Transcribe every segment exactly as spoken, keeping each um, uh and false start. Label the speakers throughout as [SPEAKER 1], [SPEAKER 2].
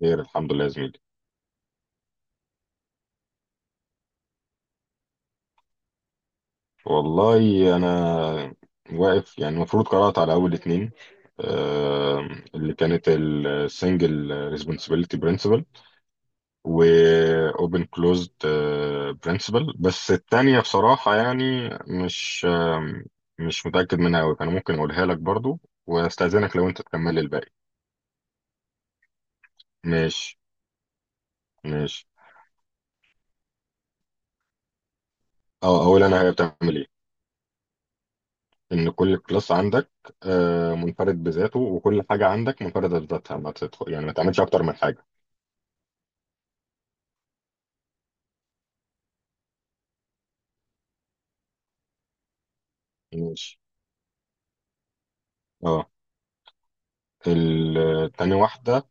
[SPEAKER 1] خير. الحمد لله يا زميلي. والله انا واقف، يعني المفروض قرأت على اول اتنين، آه، اللي كانت السنجل ريسبونسبيلتي برنسبل واوبن كلوزد برنسبل. بس التانية بصراحة يعني مش آه، مش متأكد منها قوي، فانا ممكن اقولها لك برضو، واستأذنك لو انت تكمل الباقي. ماشي. ماشي. اه، اقول انا هي بتعمل ايه. ان كل كلاس عندك آه، منفرد بذاته، وكل حاجه عندك منفرده بذاتها، ما تدخل يعني ما تعملش اكتر من حاجه. ماشي. اه. ال- تاني واحده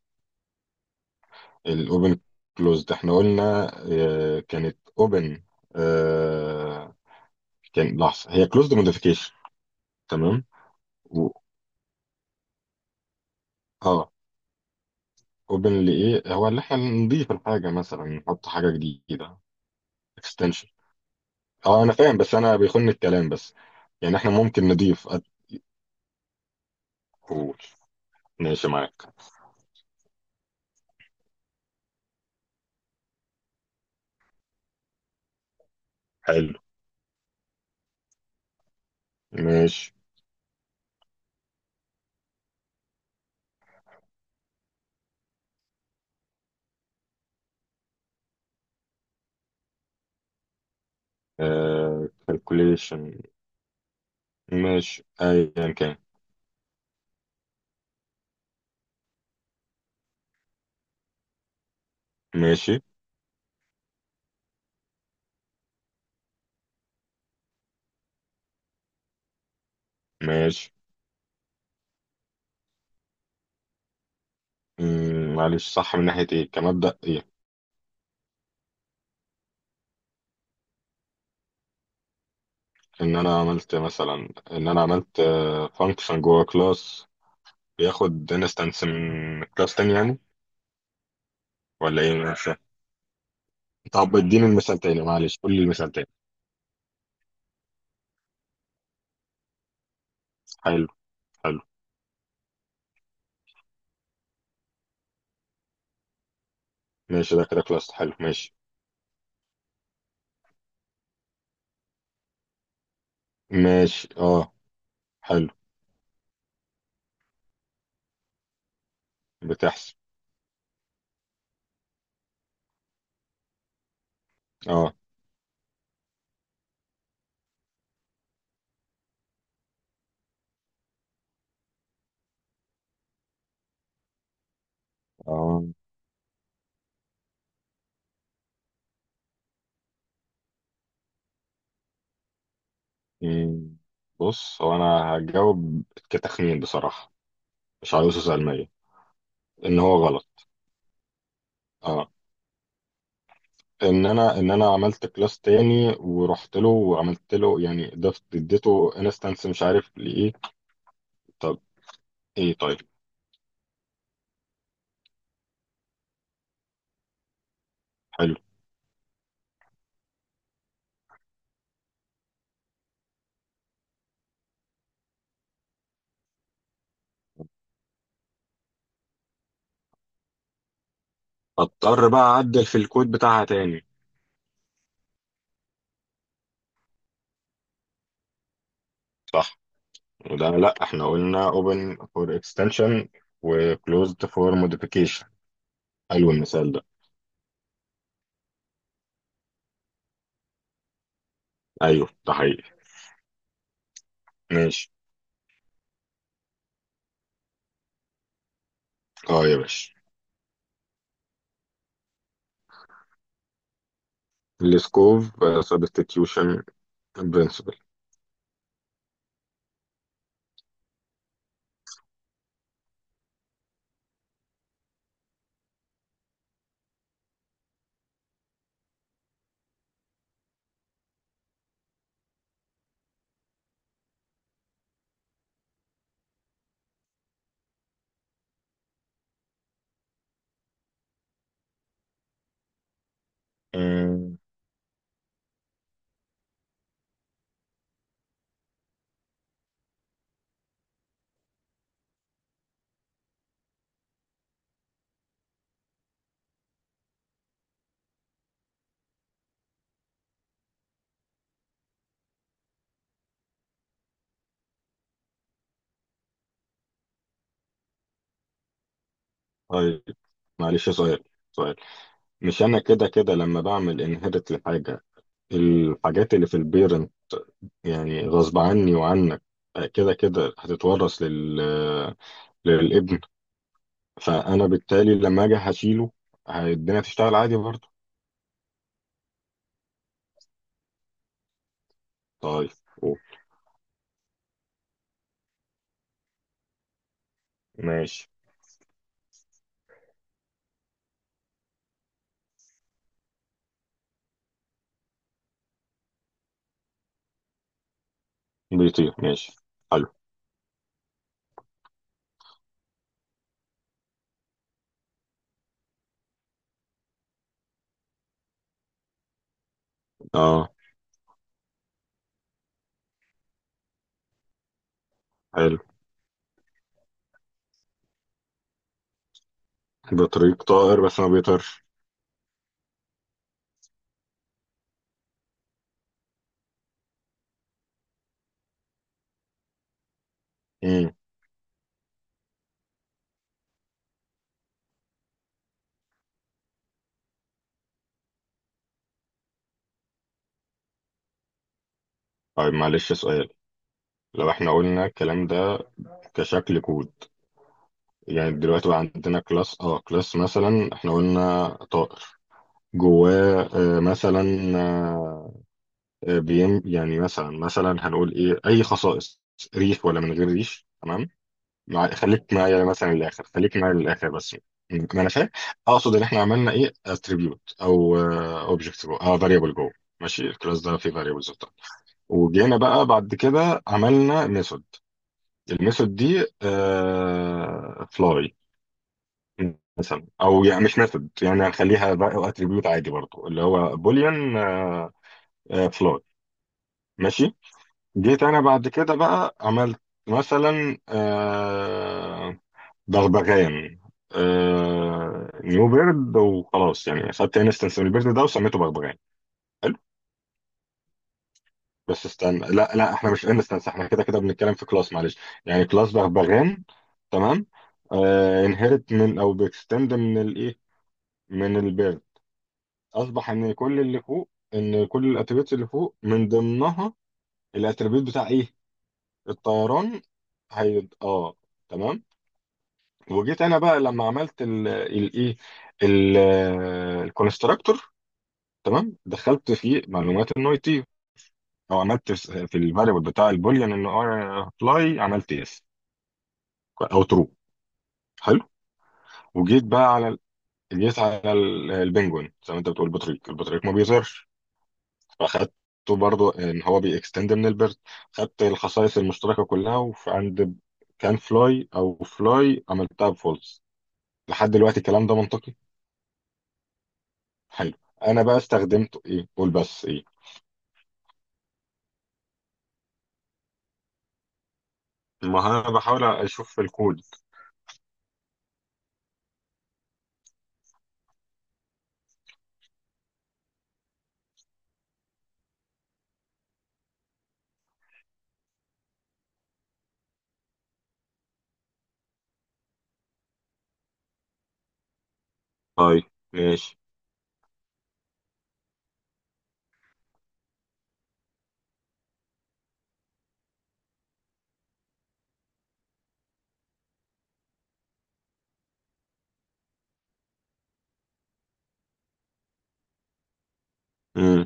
[SPEAKER 1] الاوبن كلوزد احنا قلنا آه، كانت اوبن، كان لحظه هي كلوزد موديفيكيشن. تمام. و... اه اوبن لايه هو اللي احنا نضيف الحاجه، مثلا نحط حاجه جديده، اكستنشن. اه انا فاهم، بس انا بيخن الكلام بس. يعني احنا ممكن نضيف أد- قول. ماشي معاك. حلو ماشي. كالكوليشن. ماشي ايا كان. ماشي. ماشي. مم، معلش صح من ناحية ايه؟ كمبدأ ايه؟ ان انا عملت مثلا، ان انا عملت فانكشن جوه كلاس بياخد انستنس من كلاس تاني، يعني ولا ايه؟ مش فاهم. طب اديني المثال تاني معلش، قول لي المثال تاني. حلو. حلو ماشي. ده كده كلاس حلو. ماشي. ماشي. اه. حلو. بتحصل. اه. اه. مم. بص، هو انا هجاوب كتخمين بصراحة، مش عاوز علمية. ان هو غلط. اه، ان انا ان انا عملت كلاس تاني ورحت له وعملت له، يعني ضفت اديته انستنس مش عارف لايه. طب. ايه طيب. حلو. اضطر بقى اعدل في الكود بتاعها تاني. صح. وده، لا احنا قلنا open for extension و closed for modification. حلو المثال ده. ايوه ده حقيقي. ماشي. اه يا باشا. السكوب substitution principle. آه، طيب معلش سؤال. سؤال. مش انا كده كده لما بعمل انهيرت لحاجه، الحاجات اللي في البيرنت يعني غصب عني وعنك كده كده هتتورث لل... للابن. فانا بالتالي لما اجي هشيله، هي- الدنيا تشتغل عادي برضه. طيب. أوه. ماشي. بيطير ماشي. حلو. اه. حلو. بطريق طائر بس ما بيطيرش. امم. طيب معلش سؤال. لو احنا قلنا الكلام ده كشكل كود، يعني دلوقتي بقى عندنا كلاس، اه كلاس مثلا احنا قلنا طائر. جواه آه، مثلا، آه، آه، بيم، يعني مثلا مثلا هنقول ايه؟ اي خصائص، ريش ولا من غير ريش. تمام. مع خليك معايا مثلا للاخر، خليك معايا للاخر بس. ما انا فاهم. اقصد ان احنا عملنا ايه اتريبيوت او اوبجكت جوه، اه فاريبل جوه. ماشي. الكلاس ده فيه فاريبلز بتاعته، وجينا بقى بعد كده عملنا ميثود. الميثود دي آه فلاي مثلا، او يعني مش ميثود، يعني هنخليها بقى اتريبيوت عادي برضو اللي هو بوليان. آه، فلور. ماشي. جيت انا بعد كده بقى عملت مثلا آه، بغبغان، آه، نيو بيرد، وخلاص يعني خدت انستنس من البيرد ده وسميته بغبغان. حلو. بس استنى، لا لا احنا مش انستنس، احنا كده كده بنتكلم في كلاس، معلش. يعني كلاس بغبغان، تمام، انهرت من او بيكستند من الايه؟ من البيرد. اصبح ان كل اللي فوق، ان كل الاتريبيوتس اللي فوق من ضمنها الاتريبيوت بتاع ايه؟ الطيران. هي اه. تمام. وجيت انا بقى لما عملت ال الايه الكونستراكتور، تمام دخلت فيه معلومات النوع تي، او عملت في الفاريبل بتاع البوليان ان فلاي عملت يس او ترو. حلو. وجيت بقى على ال- جيت على ال- البنجوين زي ما انت بتقول بطريق، البطريق ما بيظهرش، فاخدته برضو ان هو بيكستند من البرد، خدت الخصائص المشتركه كلها، وعند كان فلاي او فلاي عملتها بفولس. لحد دلوقتي الكلام ده منطقي؟ حلو. انا بقى استخدمته ايه؟ قول بس ايه. ما هو انا بحاول اشوف في الكود. طيب. ماشي. امم.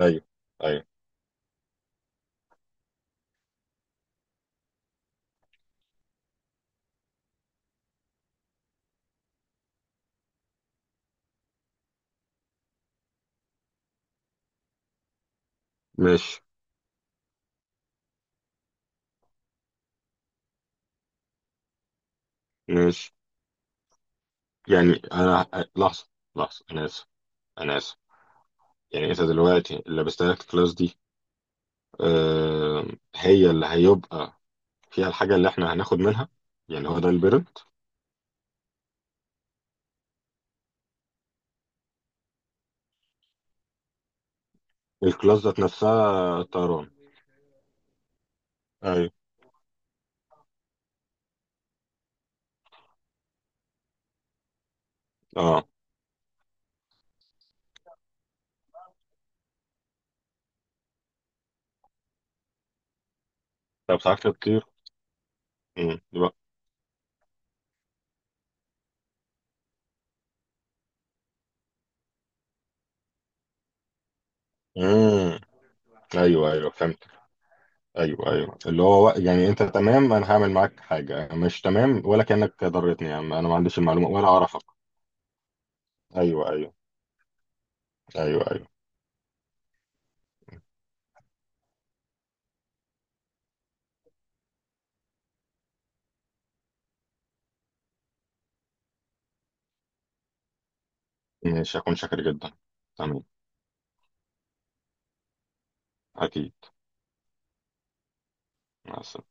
[SPEAKER 1] ايوه ايوه. ماشي ماشي. يعني انا، لحظه لحظه، انا اسف، انا اسف. يعني انت دلوقتي اللي بستهلك الكلاس دي، آه هي اللي هيبقى فيها الحاجه اللي احنا هناخد منها، يعني هو ده البيرد. الكلاس ذات نفسها طيران. ايوه اه. طب ساعات بتطير. امم يبقى. امم. ايوه ايوه فهمت. ايوه ايوه، اللي هو وق- يعني انت تمام، انا هعمل معاك حاجه مش تمام، ولا كانك ضرتني يا عم انا ما عنديش المعلومه ولا اعرفك. ايوه ايوه. ايوه ايوه. ماشي. هكون شاكر جدا. تمام. اكيد. مع السلامه.